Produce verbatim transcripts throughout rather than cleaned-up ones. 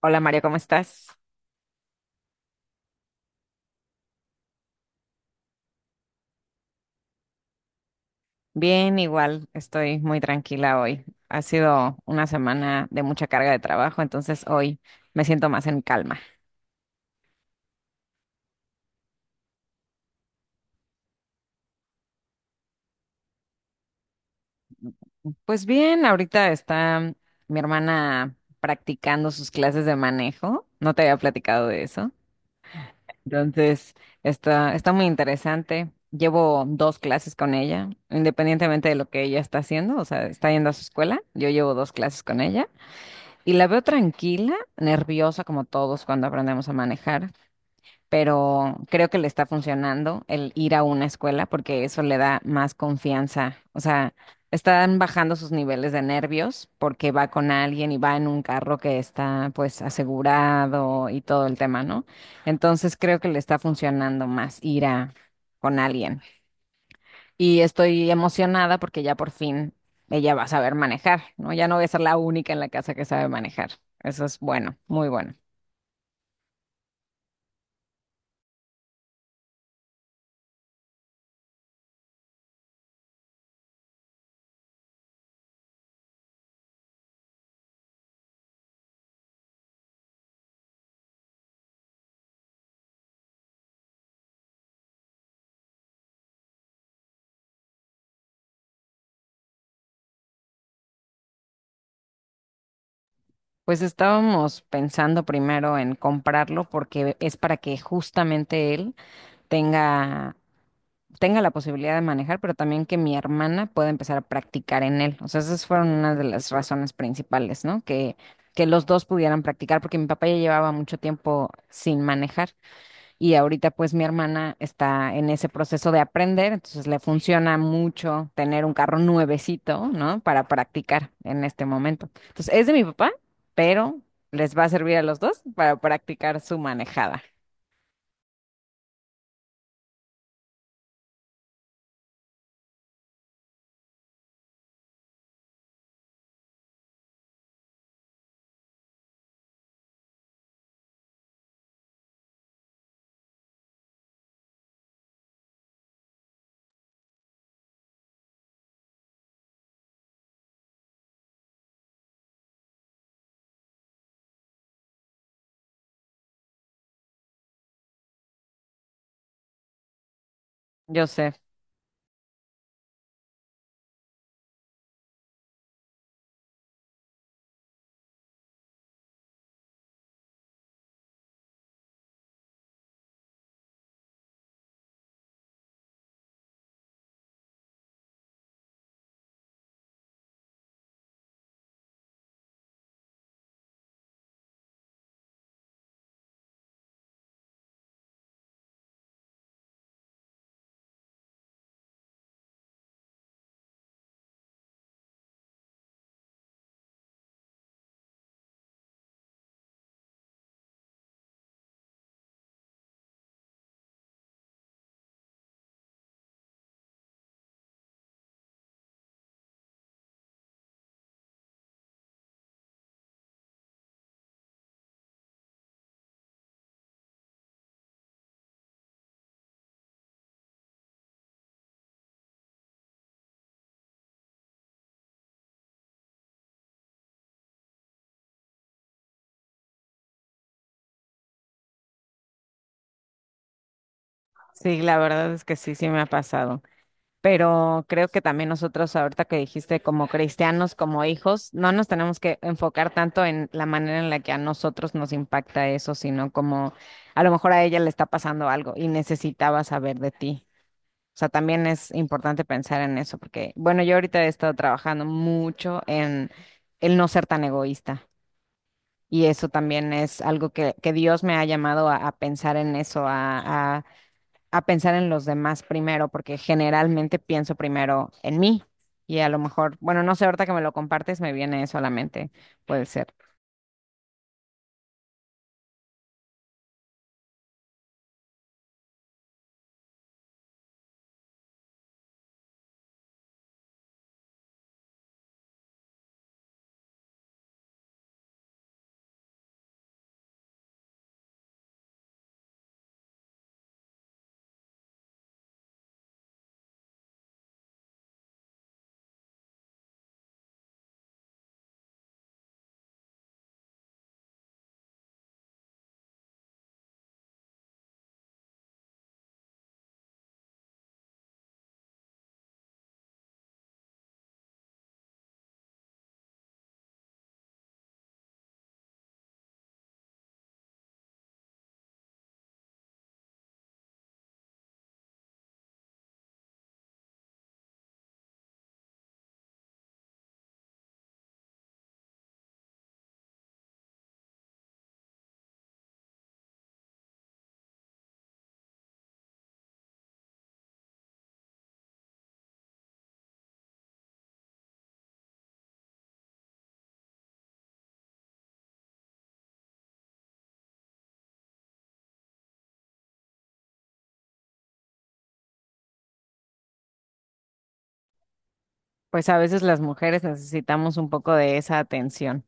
Hola Mario, ¿cómo estás? Bien, igual estoy muy tranquila hoy. Ha sido una semana de mucha carga de trabajo, entonces hoy me siento más en calma. Pues bien, ahorita está mi hermana practicando sus clases de manejo. No te había platicado de eso. Entonces, está, está muy interesante. Llevo dos clases con ella, independientemente de lo que ella está haciendo, o sea, está yendo a su escuela. Yo llevo dos clases con ella. Y la veo tranquila, nerviosa como todos cuando aprendemos a manejar, pero creo que le está funcionando el ir a una escuela porque eso le da más confianza. O sea, están bajando sus niveles de nervios porque va con alguien y va en un carro que está pues asegurado y todo el tema, ¿no? Entonces creo que le está funcionando más ir a con alguien. Y estoy emocionada porque ya por fin ella va a saber manejar, ¿no? Ya no voy a ser la única en la casa que sabe manejar. Eso es bueno, muy bueno. Pues estábamos pensando primero en comprarlo porque es para que justamente él tenga, tenga la posibilidad de manejar, pero también que mi hermana pueda empezar a practicar en él. O sea, esas fueron una de las razones principales, ¿no? Que, que los dos pudieran practicar porque mi papá ya llevaba mucho tiempo sin manejar. Y ahorita pues mi hermana está en ese proceso de aprender, entonces le funciona mucho tener un carro nuevecito, ¿no? Para practicar en este momento. Entonces es de mi papá, pero les va a servir a los dos para practicar su manejada. Yo sé. Sí, la verdad es que sí, sí me ha pasado. Pero creo que también nosotros, ahorita que dijiste, como cristianos, como hijos, no nos tenemos que enfocar tanto en la manera en la que a nosotros nos impacta eso, sino como a lo mejor a ella le está pasando algo y necesitaba saber de ti. O sea, también es importante pensar en eso, porque, bueno, yo ahorita he estado trabajando mucho en el no ser tan egoísta. Y eso también es algo que, que Dios me ha llamado a, a pensar en eso, a a pensar en los demás primero, porque generalmente pienso primero en mí y a lo mejor, bueno, no sé, ahorita que me lo compartes me viene eso a la mente, puede ser. Pues a veces las mujeres necesitamos un poco de esa atención.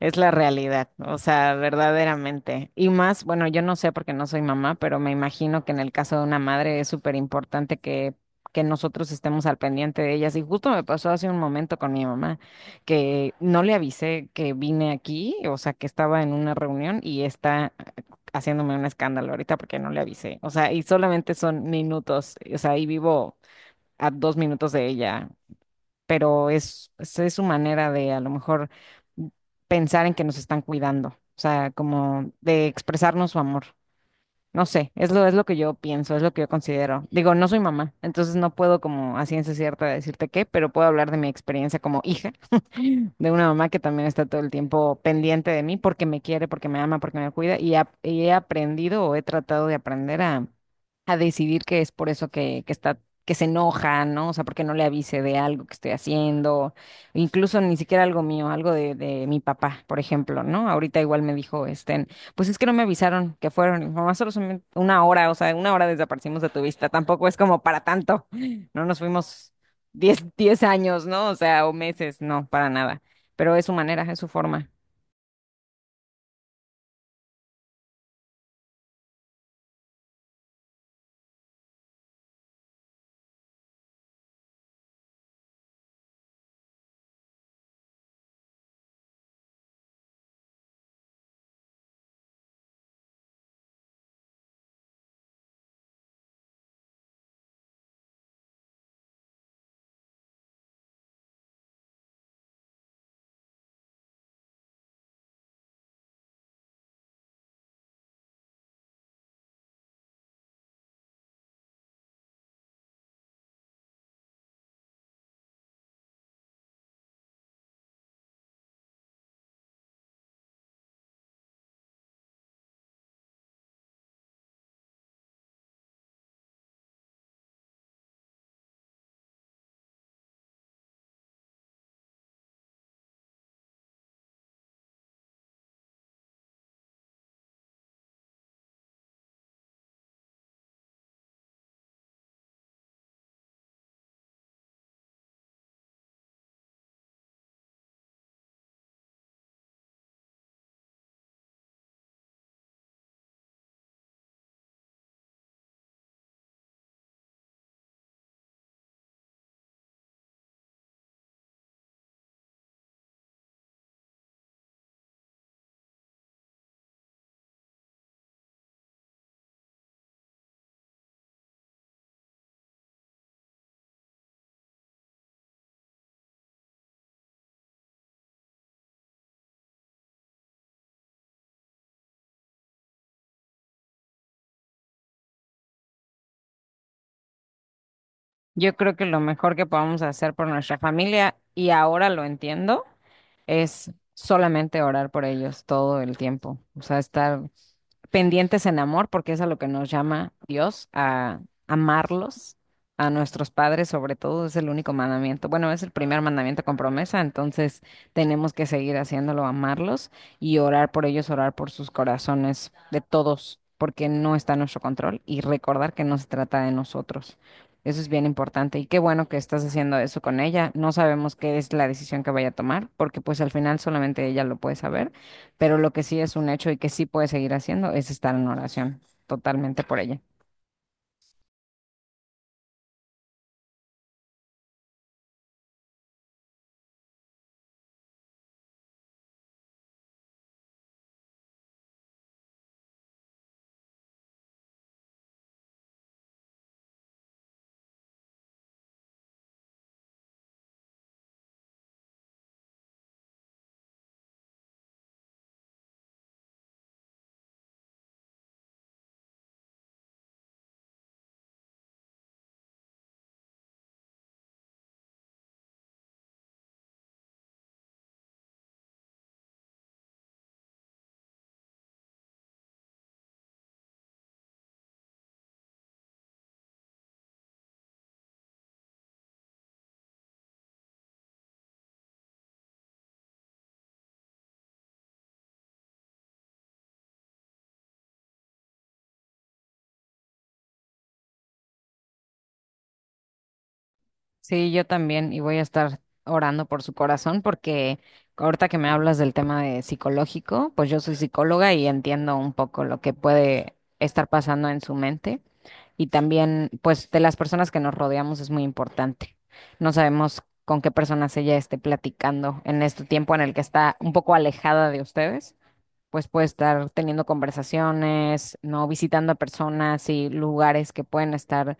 Es la realidad, o sea, verdaderamente. Y más, bueno, yo no sé porque no soy mamá, pero me imagino que en el caso de una madre es súper importante que, que nosotros estemos al pendiente de ellas. Y justo me pasó hace un momento con mi mamá, que no le avisé que vine aquí, o sea, que estaba en una reunión y está haciéndome un escándalo ahorita porque no le avisé. O sea, y solamente son minutos, o sea, y vivo a dos minutos de ella, pero es, es, es su manera de a lo mejor pensar en que nos están cuidando, o sea, como de expresarnos su amor. No sé, es lo, es lo que yo pienso, es lo que yo considero. Digo, no soy mamá, entonces no puedo como a ciencia cierta decirte qué, pero puedo hablar de mi experiencia como hija de una mamá que también está todo el tiempo pendiente de mí porque me quiere, porque me ama, porque me cuida y, ap- y he aprendido o he tratado de aprender a a decidir que es por eso que, que está, que se enoja, ¿no? O sea, porque no le avise de algo que estoy haciendo, incluso ni siquiera algo mío, algo de, de mi papá, por ejemplo, ¿no? Ahorita igual me dijo, este, pues es que no me avisaron que fueron, y mamá, solo son una hora, o sea, una hora desaparecimos de tu vista, tampoco es como para tanto, no nos fuimos diez diez años, ¿no? O sea, o meses, no, para nada, pero es su manera, es su forma. Yo creo que lo mejor que podamos hacer por nuestra familia, y ahora lo entiendo, es solamente orar por ellos todo el tiempo, o sea, estar pendientes en amor, porque es a lo que nos llama Dios, a amarlos, a nuestros padres sobre todo, es el único mandamiento. Bueno, es el primer mandamiento con promesa, entonces tenemos que seguir haciéndolo, amarlos y orar por ellos, orar por sus corazones de todos, porque no está en nuestro control y recordar que no se trata de nosotros. Eso es bien importante y qué bueno que estás haciendo eso con ella. No sabemos qué es la decisión que vaya a tomar, porque pues al final solamente ella lo puede saber, pero lo que sí es un hecho y que sí puedes seguir haciendo es estar en oración, totalmente por ella. Sí, yo también, y voy a estar orando por su corazón porque ahorita que me hablas del tema de psicológico, pues yo soy psicóloga y entiendo un poco lo que puede estar pasando en su mente. Y también, pues, de las personas que nos rodeamos es muy importante. No sabemos con qué personas ella esté platicando en este tiempo en el que está un poco alejada de ustedes. Pues puede estar teniendo conversaciones, ¿no? Visitando a personas y lugares que pueden estar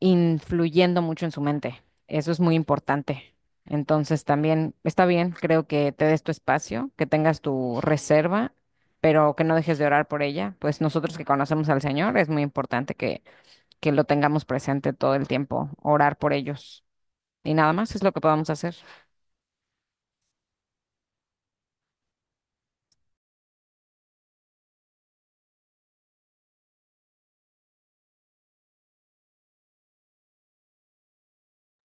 influyendo mucho en su mente. Eso es muy importante. Entonces también está bien, creo que te des tu espacio, que tengas tu reserva, pero que no dejes de orar por ella. Pues nosotros que conocemos al Señor, es muy importante que, que lo tengamos presente todo el tiempo, orar por ellos. Y nada más es lo que podamos hacer.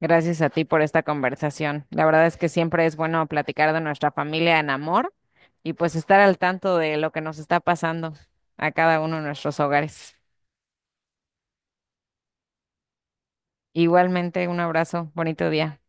Gracias a ti por esta conversación. La verdad es que siempre es bueno platicar de nuestra familia en amor y pues estar al tanto de lo que nos está pasando a cada uno de nuestros hogares. Igualmente, un abrazo, bonito día.